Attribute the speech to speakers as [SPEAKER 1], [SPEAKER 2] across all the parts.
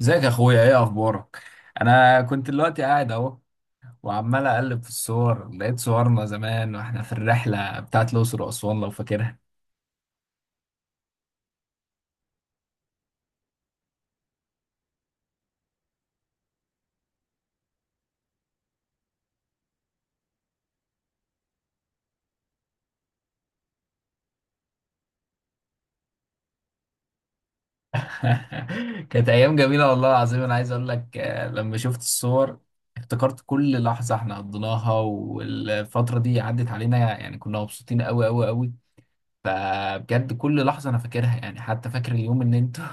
[SPEAKER 1] ازيك يا اخويا، ايه اخبارك؟ انا كنت دلوقتي قاعد اهو، وعمال اقلب في الصور، لقيت صورنا زمان واحنا في الرحله بتاعت الاقصر واسوان، لو فاكرها. كانت ايام جميله والله العظيم. انا عايز اقول لك، لما شفت الصور افتكرت كل لحظه احنا قضيناها، والفتره دي عدت علينا، يعني كنا مبسوطين قوي قوي قوي. فبجد كل لحظه انا فاكرها، يعني حتى فاكر اليوم ان انتوا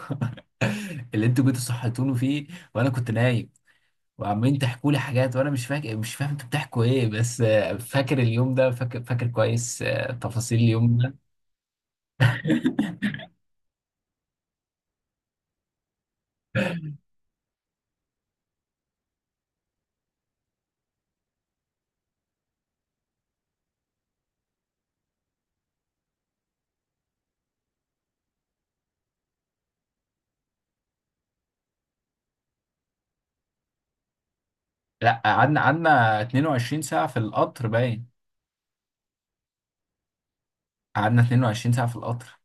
[SPEAKER 1] اللي انتوا جيتوا صحيتوني فيه وانا كنت نايم، وعمالين تحكوا لي حاجات وانا مش فاكر، مش فاهم انتوا بتحكوا ايه، بس فاكر اليوم ده، فاكر فاكر كويس، تفاصيل اليوم ده. لا، قعدنا 22 ساعة في القطر باين. قعدنا 22 ساعة في القطر.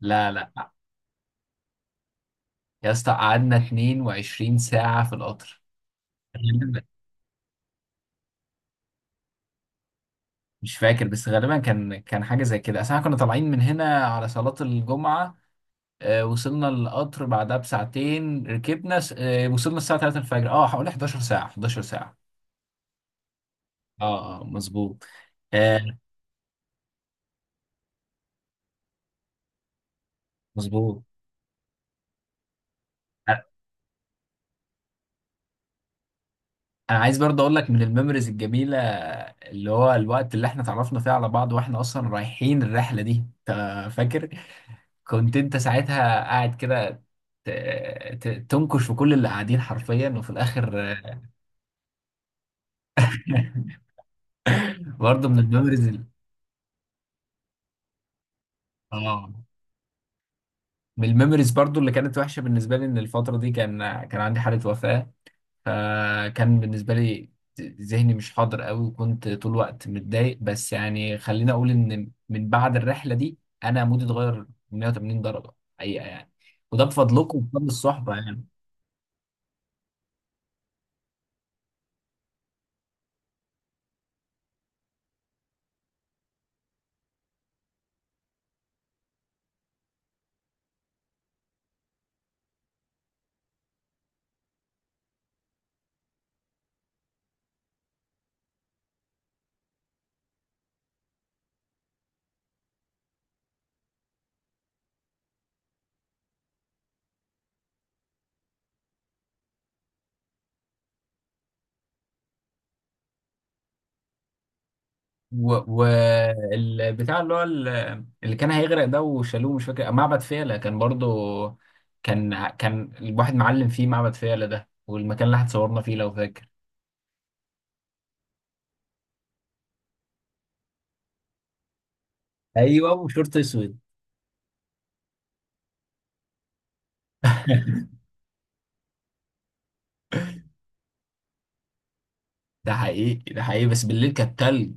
[SPEAKER 1] لا لا، يا اسطى قعدنا 22 ساعة في القطر. غالباً. مش فاكر، بس غالبا كان حاجة زي كده، اصل احنا كنا طالعين من هنا على صلاة الجمعة. وصلنا القطر بعدها بساعتين، ركبنا س- آه، وصلنا الساعة 3 الفجر، حوالي 11 ساعة، 11 ساعة. اه اه مظبوط. آه، مظبوط. انا أنا عايز برضه اقول لك من الميموريز الجميله، اللي هو الوقت اللي احنا اتعرفنا فيه على بعض واحنا اصلا رايحين الرحله دي. انت فاكر؟ كنت انت ساعتها قاعد كده، ت- تنكش في كل اللي قاعدين حرفيا، وفي الاخر. برضه من الميموريز اه، من الميموريز برضه اللي كانت وحشه بالنسبه لي، ان الفتره دي كان عندي حاله وفاه، فكان بالنسبة لي ذهني مش حاضر قوي، وكنت طول الوقت متضايق. بس يعني خليني أقول إن من بعد الرحلة دي أنا مودي اتغير 180 درجة حقيقة يعني، وده بفضلكم وبفضل الصحبة يعني. والبتاع اللي هو اللي كان هيغرق ده وشالوه، مش فاكر، معبد فيلة كان برضو، كان الواحد معلم فيه معبد فيلة ده، والمكان اللي اتصورنا فيه لو فاكر. ايوه، وشورت اسود. ده حقيقي، ده حقيقي، بس بالليل كانت تلج.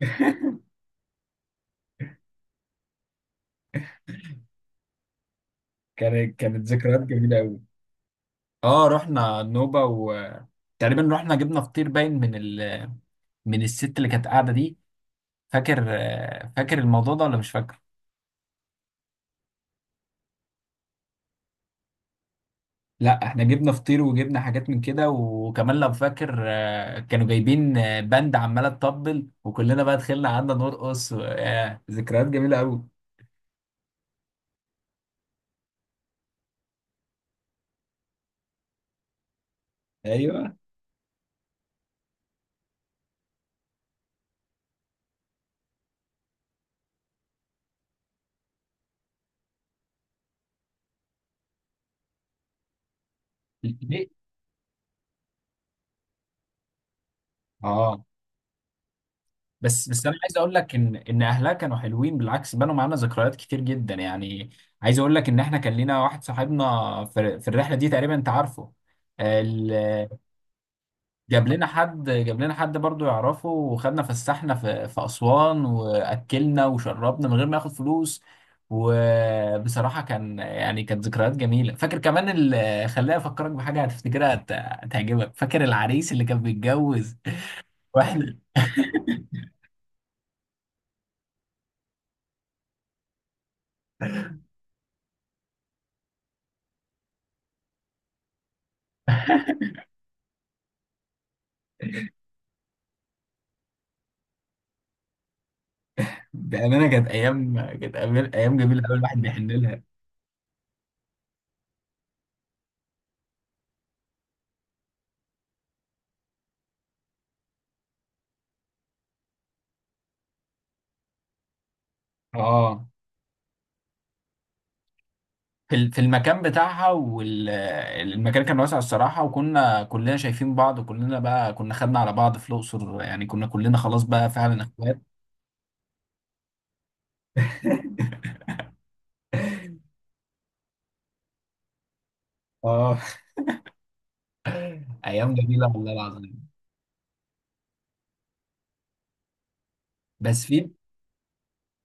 [SPEAKER 1] كانت ذكريات جميله قوي. اه، رحنا نوبه، وتقريبا رحنا جبنا فطير باين من من الست اللي كانت قاعده دي. فاكر فاكر الموضوع ده ولا مش فاكر؟ لا، احنا جبنا فطير وجبنا حاجات من كده، وكمان لو فاكر، كانوا جايبين باند عماله تطبل، وكلنا بقى دخلنا قعدنا نرقص، ذكريات جميله قوي. ايوه. ليه؟ اه بس بس انا عايز اقول لك ان اهلها كانوا حلوين، بالعكس بنوا معانا ذكريات كتير جدا يعني. عايز اقول لك ان احنا كان لينا واحد صاحبنا في الرحله دي، تقريبا انت عارفه ال- جاب لنا حد برضو يعرفه، وخدنا فسحنا في اسوان، واكلنا وشربنا من غير ما ياخد فلوس. وبصراحه كان يعني، كانت ذكريات جميله. فاكر كمان، خليني افكرك بحاجه هتفتكرها، هتعجبك. فاكر العريس اللي كان بيتجوز؟ واحنا بأمانة كانت أيام كانت أيام أيام جميلة أوي، الواحد بيحن لها. أه، في المكان بتاعها، والمكان كان واسع الصراحة، وكنا كلنا شايفين بعض، وكلنا بقى كنا خدنا على بعض في الأقصر، يعني كنا كلنا خلاص بقى فعلا إخوات. أه أيام جميلة والله العظيم. بس في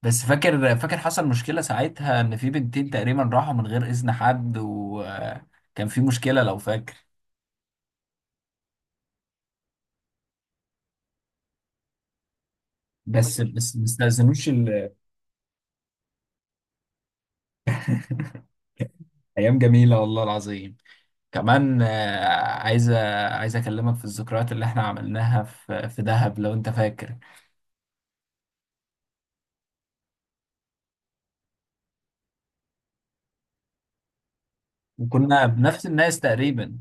[SPEAKER 1] بس فاكر فاكر حصل مشكلة ساعتها إن في بنتين تقريبا راحوا من غير إذن حد، وكان في مشكلة لو فاكر. بس بس ما استأذنوش أيام جميلة والله العظيم. كمان عايز عايز اكلمك في الذكريات اللي احنا عملناها في دهب لو انت فاكر. وكنا بنفس الناس تقريبا.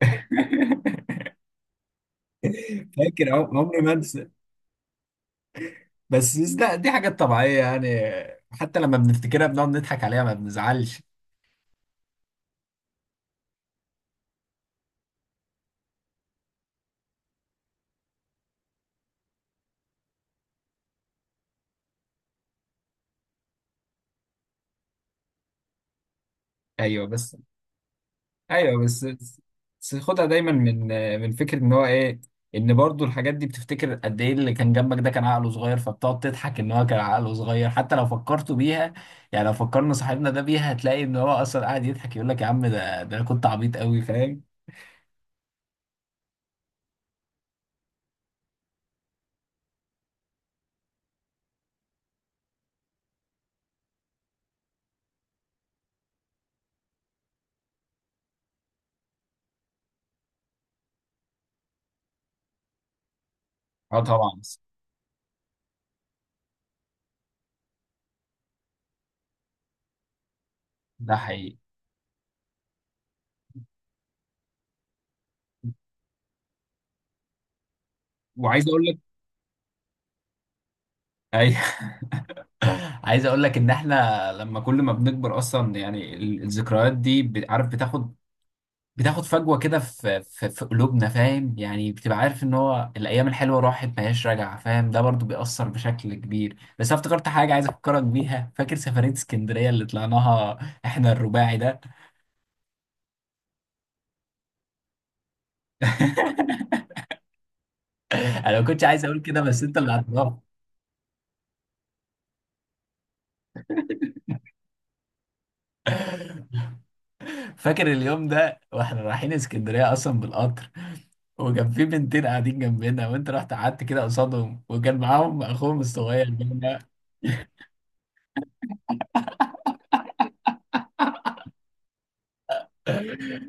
[SPEAKER 1] فاكر، عمري ما انسى، بس دي حاجات طبيعية يعني، حتى لما بنفتكرها بنقعد نضحك عليها، ما بنزعلش. ايوه بس، ايوه بس، بس خدها دايما من فكره ان هو ايه، ان برضو الحاجات دي بتفتكر قد ايه، اللي كان جنبك ده كان عقله صغير، فبتقعد تضحك ان هو كان عقله صغير، حتى لو فكرتوا بيها، يعني لو فكرنا صاحبنا ده بيها، هتلاقي ان هو اصلا قاعد يضحك، يقول لك: يا عم ده، انا كنت عبيط قوي فاهم. اه طبعا، بس ده حقيقي، وعايز اقول لك. ايوه. عايز اقول لك ان احنا لما كل ما بنكبر اصلا، يعني الذكريات دي عارف بتاخد، فجوه كده في قلوبنا فاهم، يعني بتبقى عارف ان هو الايام الحلوه راحت ما هياش راجعه فاهم، ده برضو بيأثر بشكل كبير. بس انا افتكرت حاجه، عايز افكرك بيها. فاكر سفريه اسكندريه اللي طلعناها احنا الرباعي ده؟ انا ما كنتش عايز اقول كده، بس انت اللي هتضاف. فاكر اليوم ده واحنا رايحين اسكندريه اصلا بالقطر، وكان في بنتين قاعدين جنبنا، وانت رحت قعدت كده قصادهم، وكان معاهم اخوهم الصغير ده.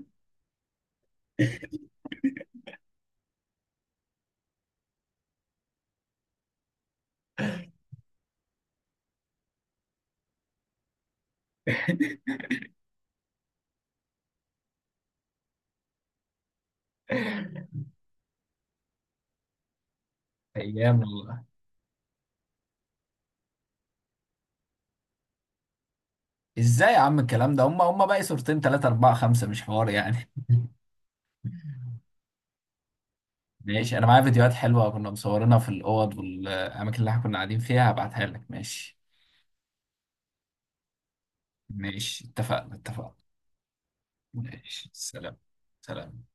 [SPEAKER 1] ايام والله! ازاي يا عم الكلام ده، هم باقي صورتين، ثلاثة، أربعة، خمسة، مش حوار يعني. ماشي، أنا معايا فيديوهات حلوة كنا مصورينها في الأوض والأماكن اللي احنا كنا قاعدين فيها، هبعتها لك ماشي. ماشي، اتفقنا اتفقنا. ماشي سلام. سلام.